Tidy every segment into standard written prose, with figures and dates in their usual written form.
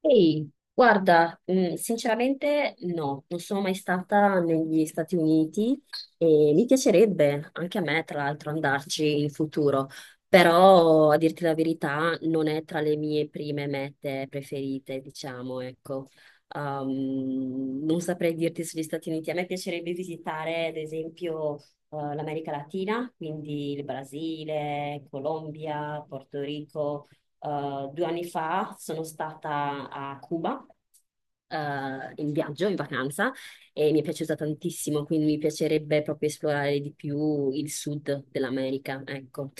Ehi, guarda, sinceramente no, non sono mai stata negli Stati Uniti e mi piacerebbe anche a me, tra l'altro, andarci in futuro, però a dirti la verità non è tra le mie prime mete preferite, diciamo, ecco. Non saprei dirti sugli Stati Uniti, a me piacerebbe visitare, ad esempio, l'America Latina, quindi il Brasile, Colombia, Porto Rico. 2 anni fa sono stata a Cuba in viaggio, in vacanza, e mi è piaciuta tantissimo, quindi mi piacerebbe proprio esplorare di più il sud dell'America, ecco.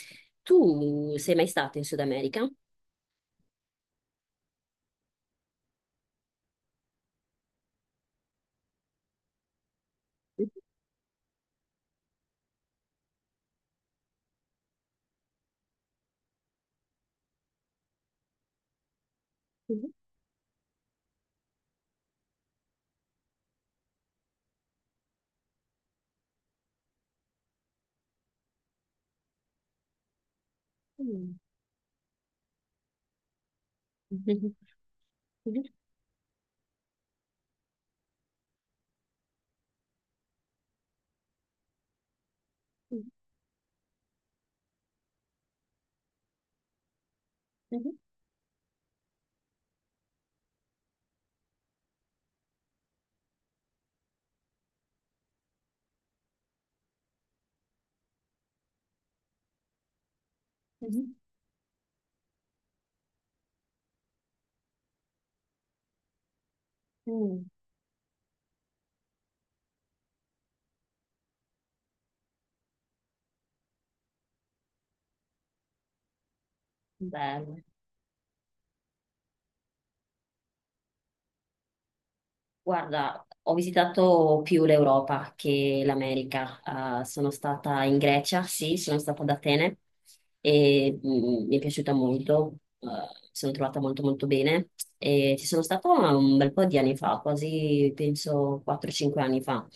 Tu sei mai stato in Sud America? Bello. Guarda, ho visitato più l'Europa che l'America. Ah, sono stata in Grecia, sì, sono stata ad Atene e mi è piaciuta molto, mi sono trovata molto molto bene e ci sono stata un bel po' di anni fa, quasi penso 4-5 anni fa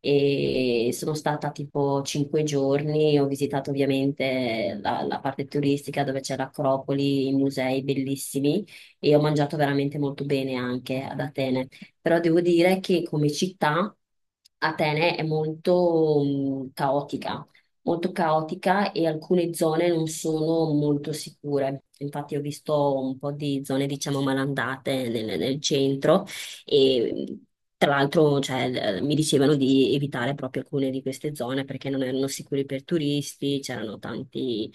e sono stata tipo 5 giorni, ho visitato ovviamente la parte turistica dove c'è l'Acropoli, i musei bellissimi e ho mangiato veramente molto bene anche ad Atene però devo dire che come città Atene è molto caotica, molto caotica e alcune zone non sono molto sicure. Infatti ho visto un po' di zone, diciamo, malandate nel centro e tra l'altro, cioè, mi dicevano di evitare proprio alcune di queste zone perché non erano sicure per turisti, c'erano tanti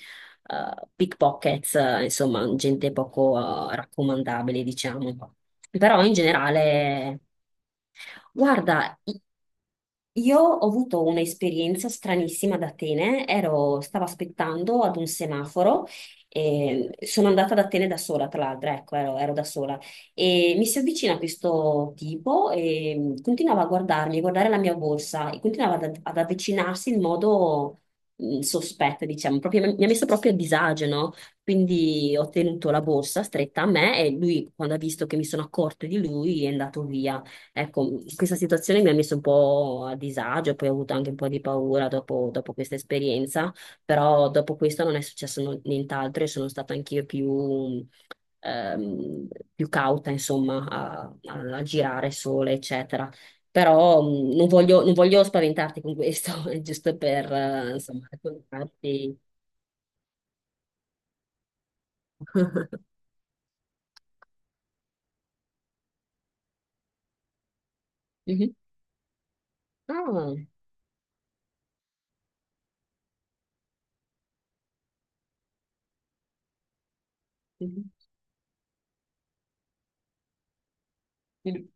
pickpockets, insomma, gente poco raccomandabile, diciamo. Però in generale, guarda, io ho avuto un'esperienza stranissima ad Atene, stavo aspettando ad un semaforo, e sono andata ad Atene da sola, tra l'altro, ecco, ero da sola, e mi si avvicina questo tipo e continuava a guardarmi, a guardare la mia borsa e continuava ad avvicinarsi in modo sospetto, diciamo, mi ha messo proprio a disagio, no? Quindi ho tenuto la borsa stretta a me e lui, quando ha visto che mi sono accorta di lui, è andato via. Ecco, questa situazione mi ha messo un po' a disagio, poi ho avuto anche un po' di paura dopo questa esperienza, però dopo questo non è successo nient'altro e sono stata anch'io più, ehm, più cauta, insomma, a girare sola, eccetera. Però non voglio spaventarti con questo, è giusto per, insomma, raccontarti. Mhm. Ah, mhm. Mhm.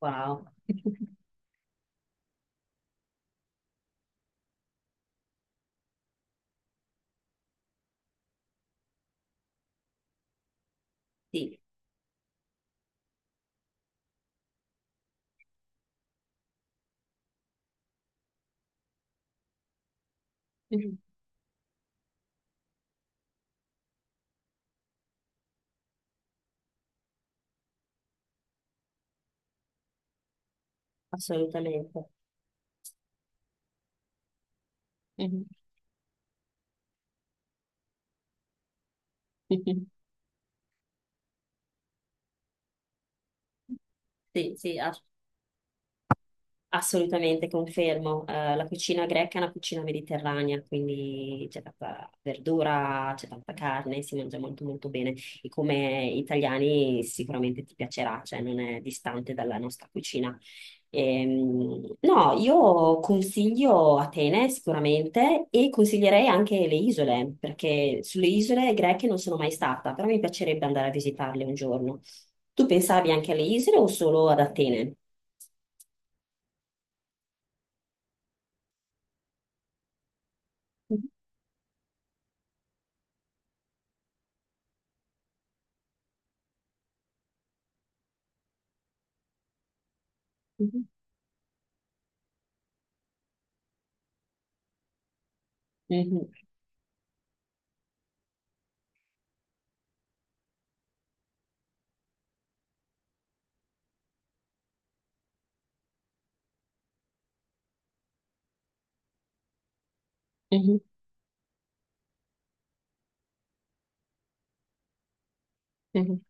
Wow, sì. Mhm. Assolutamente. Mhm. Mhm. Sì, sì, assolutamente. Assolutamente, confermo. La cucina greca è una cucina mediterranea, quindi c'è tanta verdura, c'è tanta carne, si mangia molto molto bene. E come italiani sicuramente ti piacerà, cioè non è distante dalla nostra cucina. No, io consiglio Atene sicuramente e consiglierei anche le isole, perché sulle isole greche non sono mai stata, però mi piacerebbe andare a visitarle un giorno. Tu pensavi anche alle isole o solo ad Atene? Mhm, mhm. Mhm, mhm, mhm,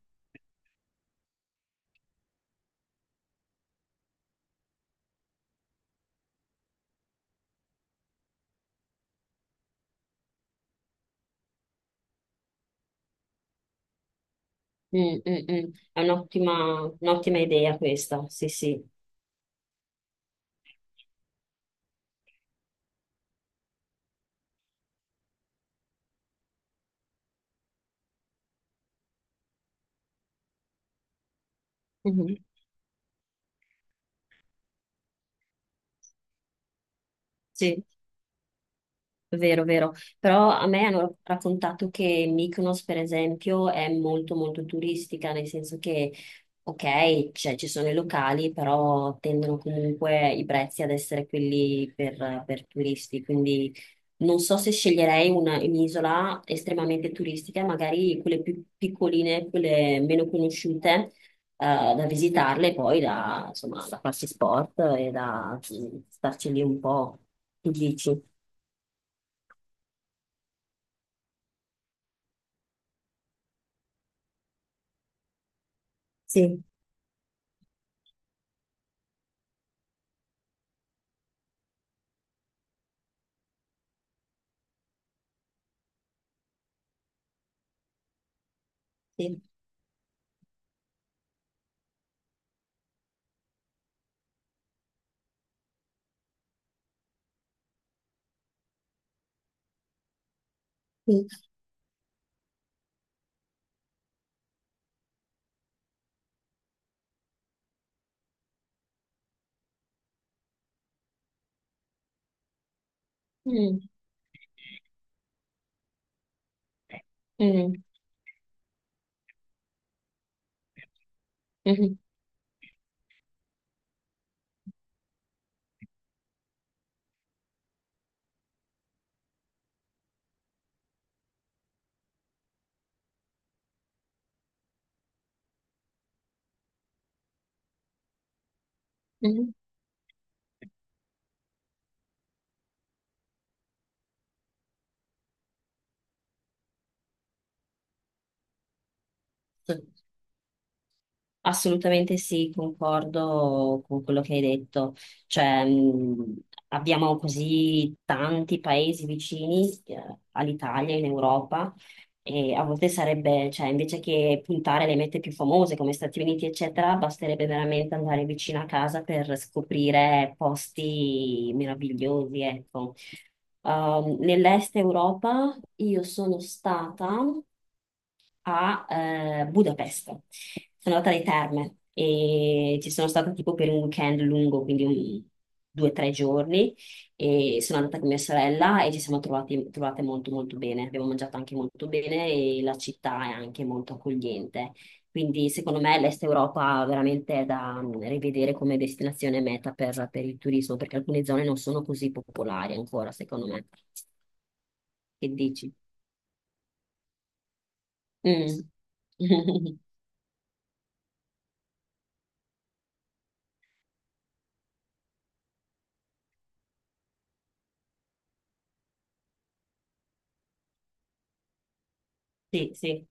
mm, mm, mm. È un'ottima idea questa, sì, sì. Mhm, sì. Vero, vero. Però a me hanno raccontato che Mykonos, per esempio, è molto molto turistica, nel senso che, ok, cioè, ci sono i locali, però tendono comunque i prezzi ad essere quelli per turisti. Quindi non so se sceglierei un'isola estremamente turistica, magari quelle più piccoline, quelle meno conosciute, da visitarle, poi da, insomma, da farsi sport e da starci lì un po'. Che dici? Sì. Sì. Sì. Mm, mm, mhm, mhm. Sì. Assolutamente sì, concordo con quello che hai detto. Cioè, abbiamo così tanti paesi vicini all'Italia, in Europa, e a volte sarebbe, cioè, invece che puntare le mete più famose come Stati Uniti, eccetera, basterebbe veramente andare vicino a casa per scoprire posti meravigliosi, ecco. Nell'est Europa io sono stata a Budapest. Sono andata alle terme e ci sono stata tipo per un weekend lungo, quindi 2 o 3 giorni. E sono andata con mia sorella e ci siamo trovate molto molto bene. Abbiamo mangiato anche molto bene e la città è anche molto accogliente. Quindi secondo me l'Est Europa veramente è da rivedere come destinazione meta per il turismo, perché alcune zone non sono così popolari ancora, secondo me. Che dici? Mm. Sì, sì.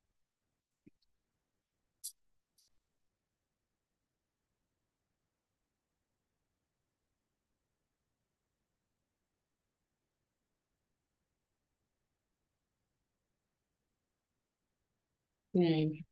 Mm.